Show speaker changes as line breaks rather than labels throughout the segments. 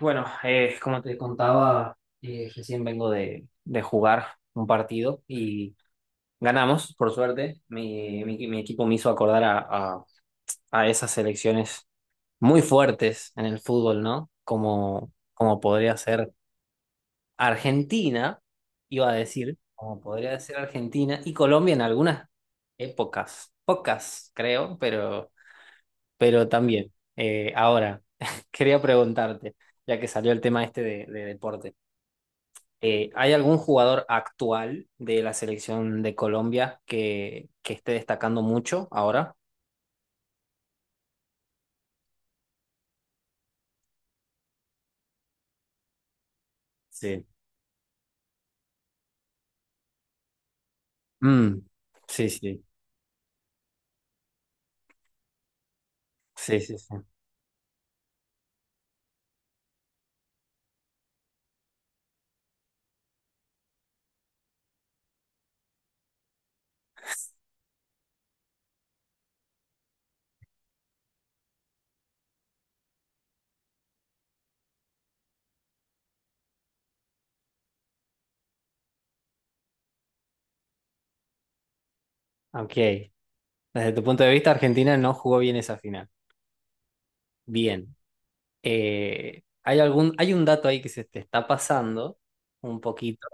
Bueno, como te contaba, recién vengo de jugar un partido y ganamos, por suerte. Mi equipo me hizo acordar a- a esas selecciones muy fuertes en el fútbol, ¿no? Como podría ser Argentina, iba a decir, como podría ser Argentina y Colombia en algunas épocas, pocas creo, pero también. Ahora, quería preguntarte, ya que salió el tema este de deporte. ¿Hay algún jugador actual de la selección de Colombia que esté destacando mucho ahora? Sí. Mm, sí, sí, sí, sí, sí. Ok. Desde tu punto de vista, Argentina no jugó bien esa final. Bien. Hay un dato ahí que se te está pasando un poquito.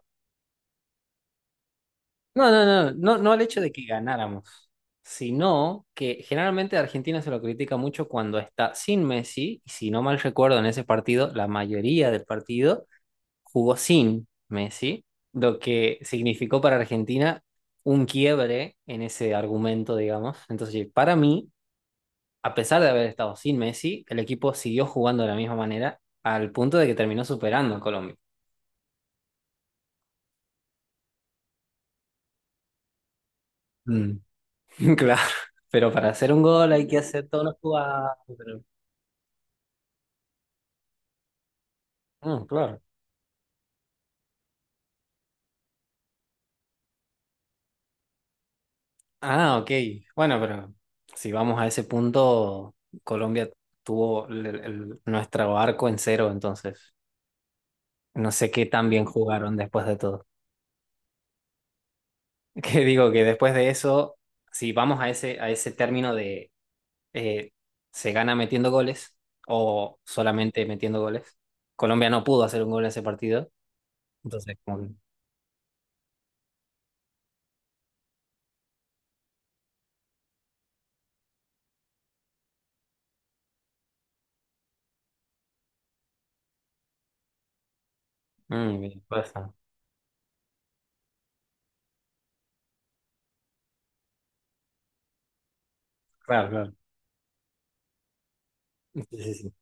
No, no, no, no, no al hecho de que ganáramos, sino que generalmente a Argentina se lo critica mucho cuando está sin Messi, y si no mal recuerdo en ese partido, la mayoría del partido jugó sin Messi, lo que significó para Argentina un quiebre en ese argumento, digamos. Entonces, para mí, a pesar de haber estado sin Messi, el equipo siguió jugando de la misma manera al punto de que terminó superando a Colombia. Mm. Claro, pero para hacer un gol hay que hacer todos los jugadas. Mm, claro. Ah, ok. Bueno, pero si vamos a ese punto, Colombia tuvo nuestro arco en 0, entonces no sé qué tan bien jugaron después de todo. Que digo que después de eso, si vamos a ese término de eh, se gana metiendo goles o solamente metiendo goles, Colombia no pudo hacer un gol en ese partido. Entonces, como que, mm, me pasa. Claro, claro. Sí, sí, sí.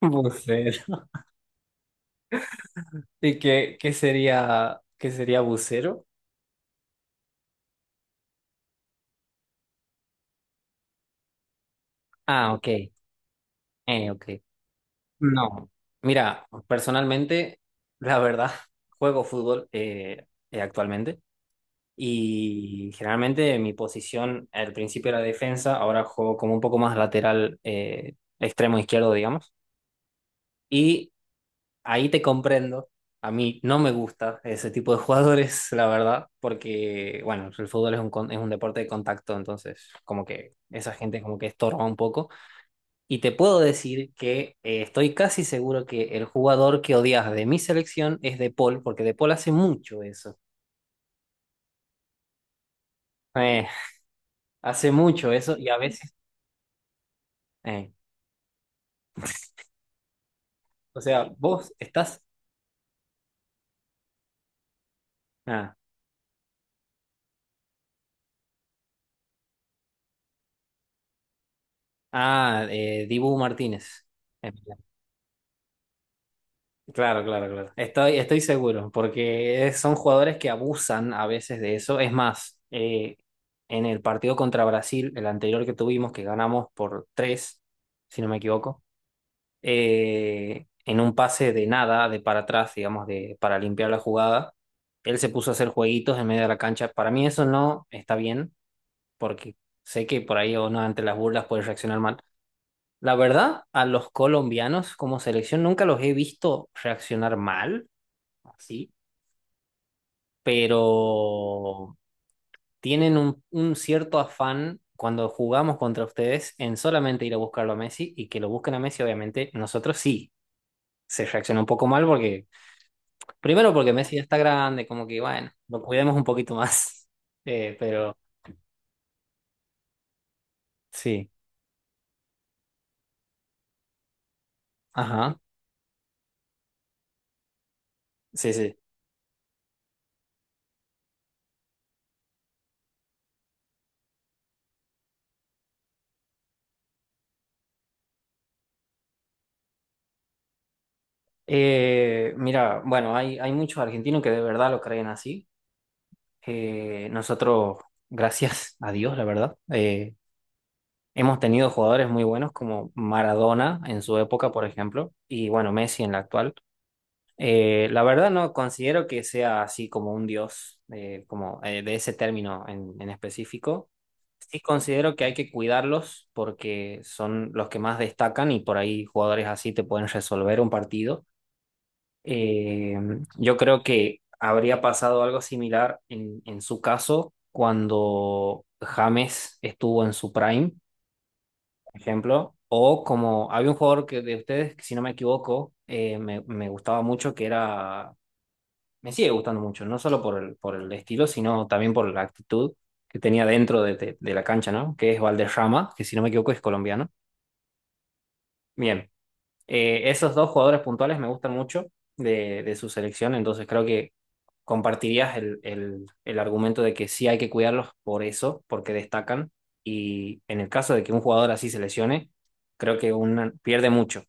Bucero. ¿Y qué sería, qué sería bucero? Ah, ok. Ok. No. Mira, personalmente, la verdad, juego fútbol actualmente. Y generalmente mi posición al principio era defensa, ahora juego como un poco más lateral, extremo izquierdo, digamos. Y ahí te comprendo. A mí no me gusta ese tipo de jugadores, la verdad, porque, bueno, el fútbol es es un deporte de contacto, entonces como que esa gente como que estorba un poco. Y te puedo decir que estoy casi seguro que el jugador que odias de mi selección es De Paul, porque De Paul hace mucho eso. Eh, hace mucho eso y a veces... eh, O sea, vos estás. Ah, Dibu Martínez. Eh, Claro, claro, claro. Estoy, estoy seguro, porque son jugadores que abusan a veces de eso. Es más, en el partido contra Brasil, el anterior que tuvimos, que ganamos por 3, si no me equivoco, en un pase de nada, de para atrás, digamos, de, para limpiar la jugada, él se puso a hacer jueguitos en medio de la cancha. Para mí eso no está bien, porque sé que por ahí o no ante las burlas puede reaccionar mal. La verdad, a los colombianos como selección nunca los he visto reaccionar mal, así, pero tienen un cierto afán cuando jugamos contra ustedes en solamente ir a buscarlo a Messi y que lo busquen a Messi, obviamente, nosotros sí. Se reacciona un poco mal porque, primero porque Messi ya está grande, como que, bueno, lo cuidemos un poquito más. Pero sí, ajá, sí, sí. Mira, bueno, hay muchos argentinos que de verdad lo creen así. Nosotros, gracias a Dios, la verdad, hemos tenido jugadores muy buenos como Maradona en su época, por ejemplo, y bueno, Messi en la actual. La verdad no considero que sea así como un dios, como de ese término en específico. Sí considero que hay que cuidarlos porque son los que más destacan y por ahí jugadores así te pueden resolver un partido. Eh, yo creo que habría pasado algo similar en su caso cuando James estuvo en su prime, por ejemplo, o como había un jugador que de ustedes, que si no me equivoco, me gustaba mucho, que era, me sigue gustando mucho, no solo por el estilo, sino también por la actitud que tenía dentro de la cancha, ¿no? Que es Valderrama, que si no me equivoco es colombiano. Bien. Esos dos jugadores puntuales me gustan mucho de su selección, entonces creo que compartirías el argumento de que sí hay que cuidarlos por eso, porque destacan. Y en el caso de que un jugador así se lesione, creo que una, pierde mucho.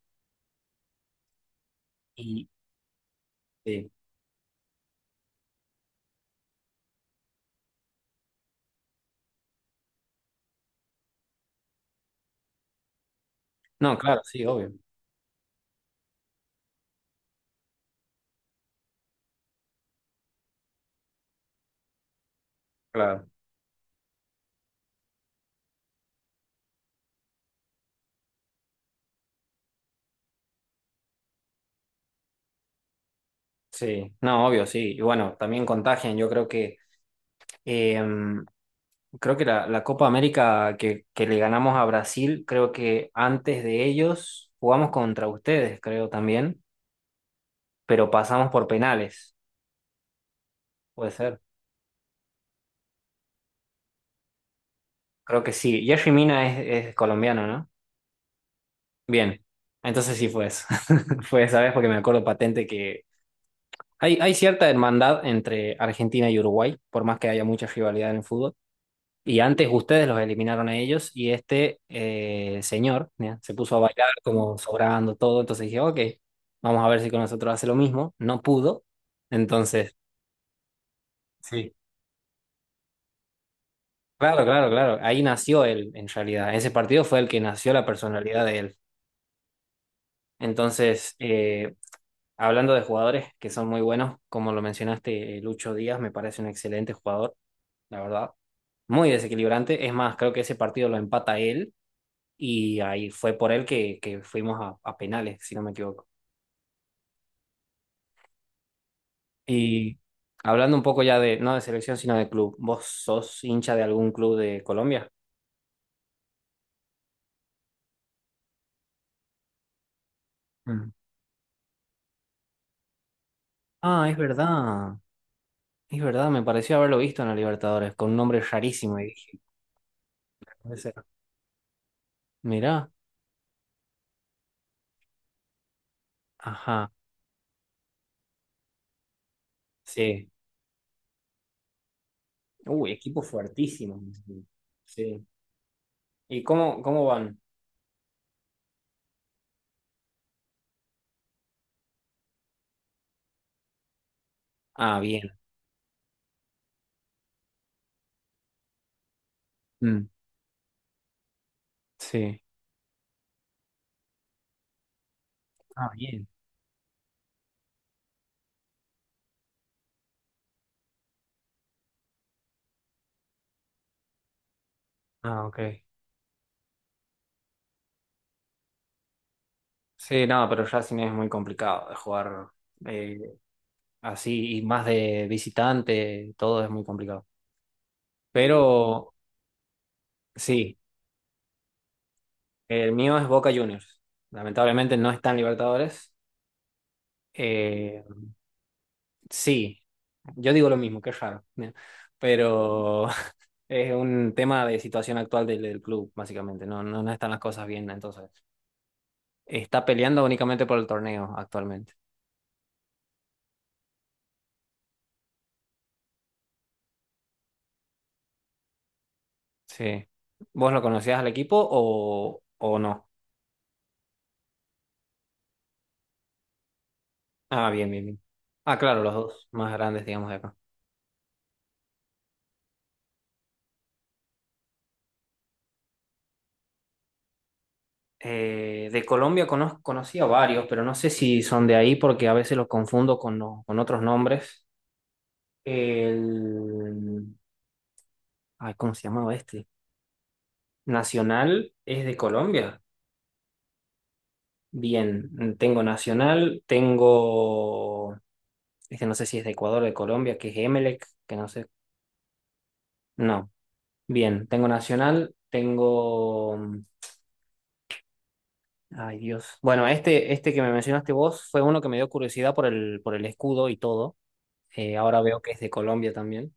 Y sí. No, claro, sí, obvio. Claro. Sí, no, obvio, sí. Y bueno, también contagian. Yo eh, creo que la Copa América que le ganamos a Brasil, creo que antes de ellos jugamos contra ustedes, creo también. Pero pasamos por penales. Puede ser. Creo que sí. Jerry Mina es colombiano, ¿no? Bien. Entonces sí fue eso. Fue esa vez porque me acuerdo patente que hay cierta hermandad entre Argentina y Uruguay, por más que haya mucha rivalidad en el fútbol. Y antes ustedes los eliminaron a ellos y este señor ¿ya? se puso a bailar como sobrando todo. Entonces dije, ok, vamos a ver si con nosotros hace lo mismo. No pudo. Entonces... Sí. Claro, claro, claro. Ahí nació él, en realidad. Ese partido fue el que nació la personalidad de él. Entonces, hablando de jugadores que son muy buenos, como lo mencionaste, Lucho Díaz me parece un excelente jugador, la verdad. Muy desequilibrante. Es más, creo que ese partido lo empata él y ahí fue por él que fuimos a penales, si no me equivoco. Y hablando un poco ya de, no de selección, sino de club. ¿Vos sos hincha de algún club de Colombia? Mm. Ah, es verdad. Es verdad, me pareció haberlo visto en la Libertadores, con un nombre rarísimo. Y dije, "No puede ser". Mirá, ajá, sí. Uy, equipo fuertísimo. Sí. ¿Y cómo, cómo van? Ah, bien. Mm, sí. Ah, bien. Ah, ok. Sí, no, pero Racing es muy complicado de jugar eh, así, y más de visitante, todo es muy complicado. Pero sí, el mío es Boca Juniors. Lamentablemente no está en Libertadores. Eh, sí. Yo digo lo mismo, qué raro. ¿No? Pero es un tema de situación actual del club, básicamente. No, no, no están las cosas bien, entonces. Está peleando únicamente por el torneo actualmente. Sí. ¿Vos lo conocías al equipo o no? Ah, bien, bien, bien. Ah, claro, los dos más grandes, digamos, de acá. De Colombia conozco, conocí a varios, pero no sé si son de ahí porque a veces los confundo con otros nombres. El... Ay, ¿cómo se llamaba este? Nacional es de Colombia. Bien, tengo Nacional, tengo, este no sé si es de Ecuador o de Colombia, que es Emelec, que no sé. No, bien, tengo Nacional, tengo... mm, Ay, Dios. Bueno, este que me mencionaste vos fue uno que me dio curiosidad por el escudo y todo. Ahora veo que es de Colombia también.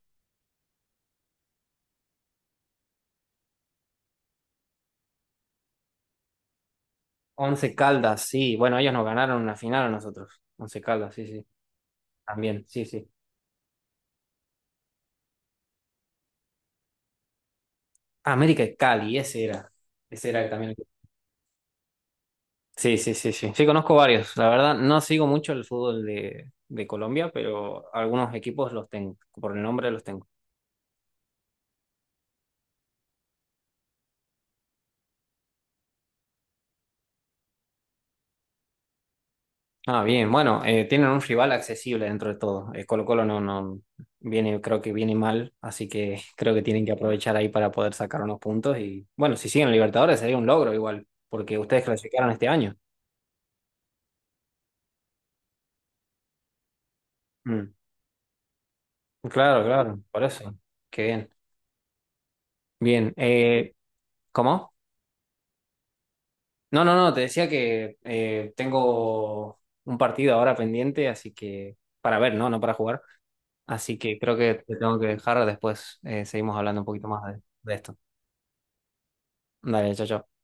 Once Caldas, sí. Bueno, ellos nos ganaron una final a nosotros. Once Caldas, sí, sí. También, sí, sí. Ah, América de Cali, ese era. Ese era también. Sí, sí, sí, sí. Sí, conozco varios. La verdad, no sigo mucho el fútbol de Colombia, pero algunos equipos los tengo. Por el nombre los tengo. Ah, bien. Bueno, tienen un rival accesible dentro de todo. Colo-Colo no, no viene, creo que viene mal, así que creo que tienen que aprovechar ahí para poder sacar unos puntos. Y bueno, si siguen Libertadores sería un logro igual, porque ustedes clasificaron este año. Mm. Claro, claro, por eso. Qué bien. Bien. ¿Cómo? No, no, no, te decía que tengo un partido ahora pendiente, así que para ver, ¿no? No para jugar. Así que creo que te tengo que dejar, después seguimos hablando un poquito más de esto. Dale, chao, chao.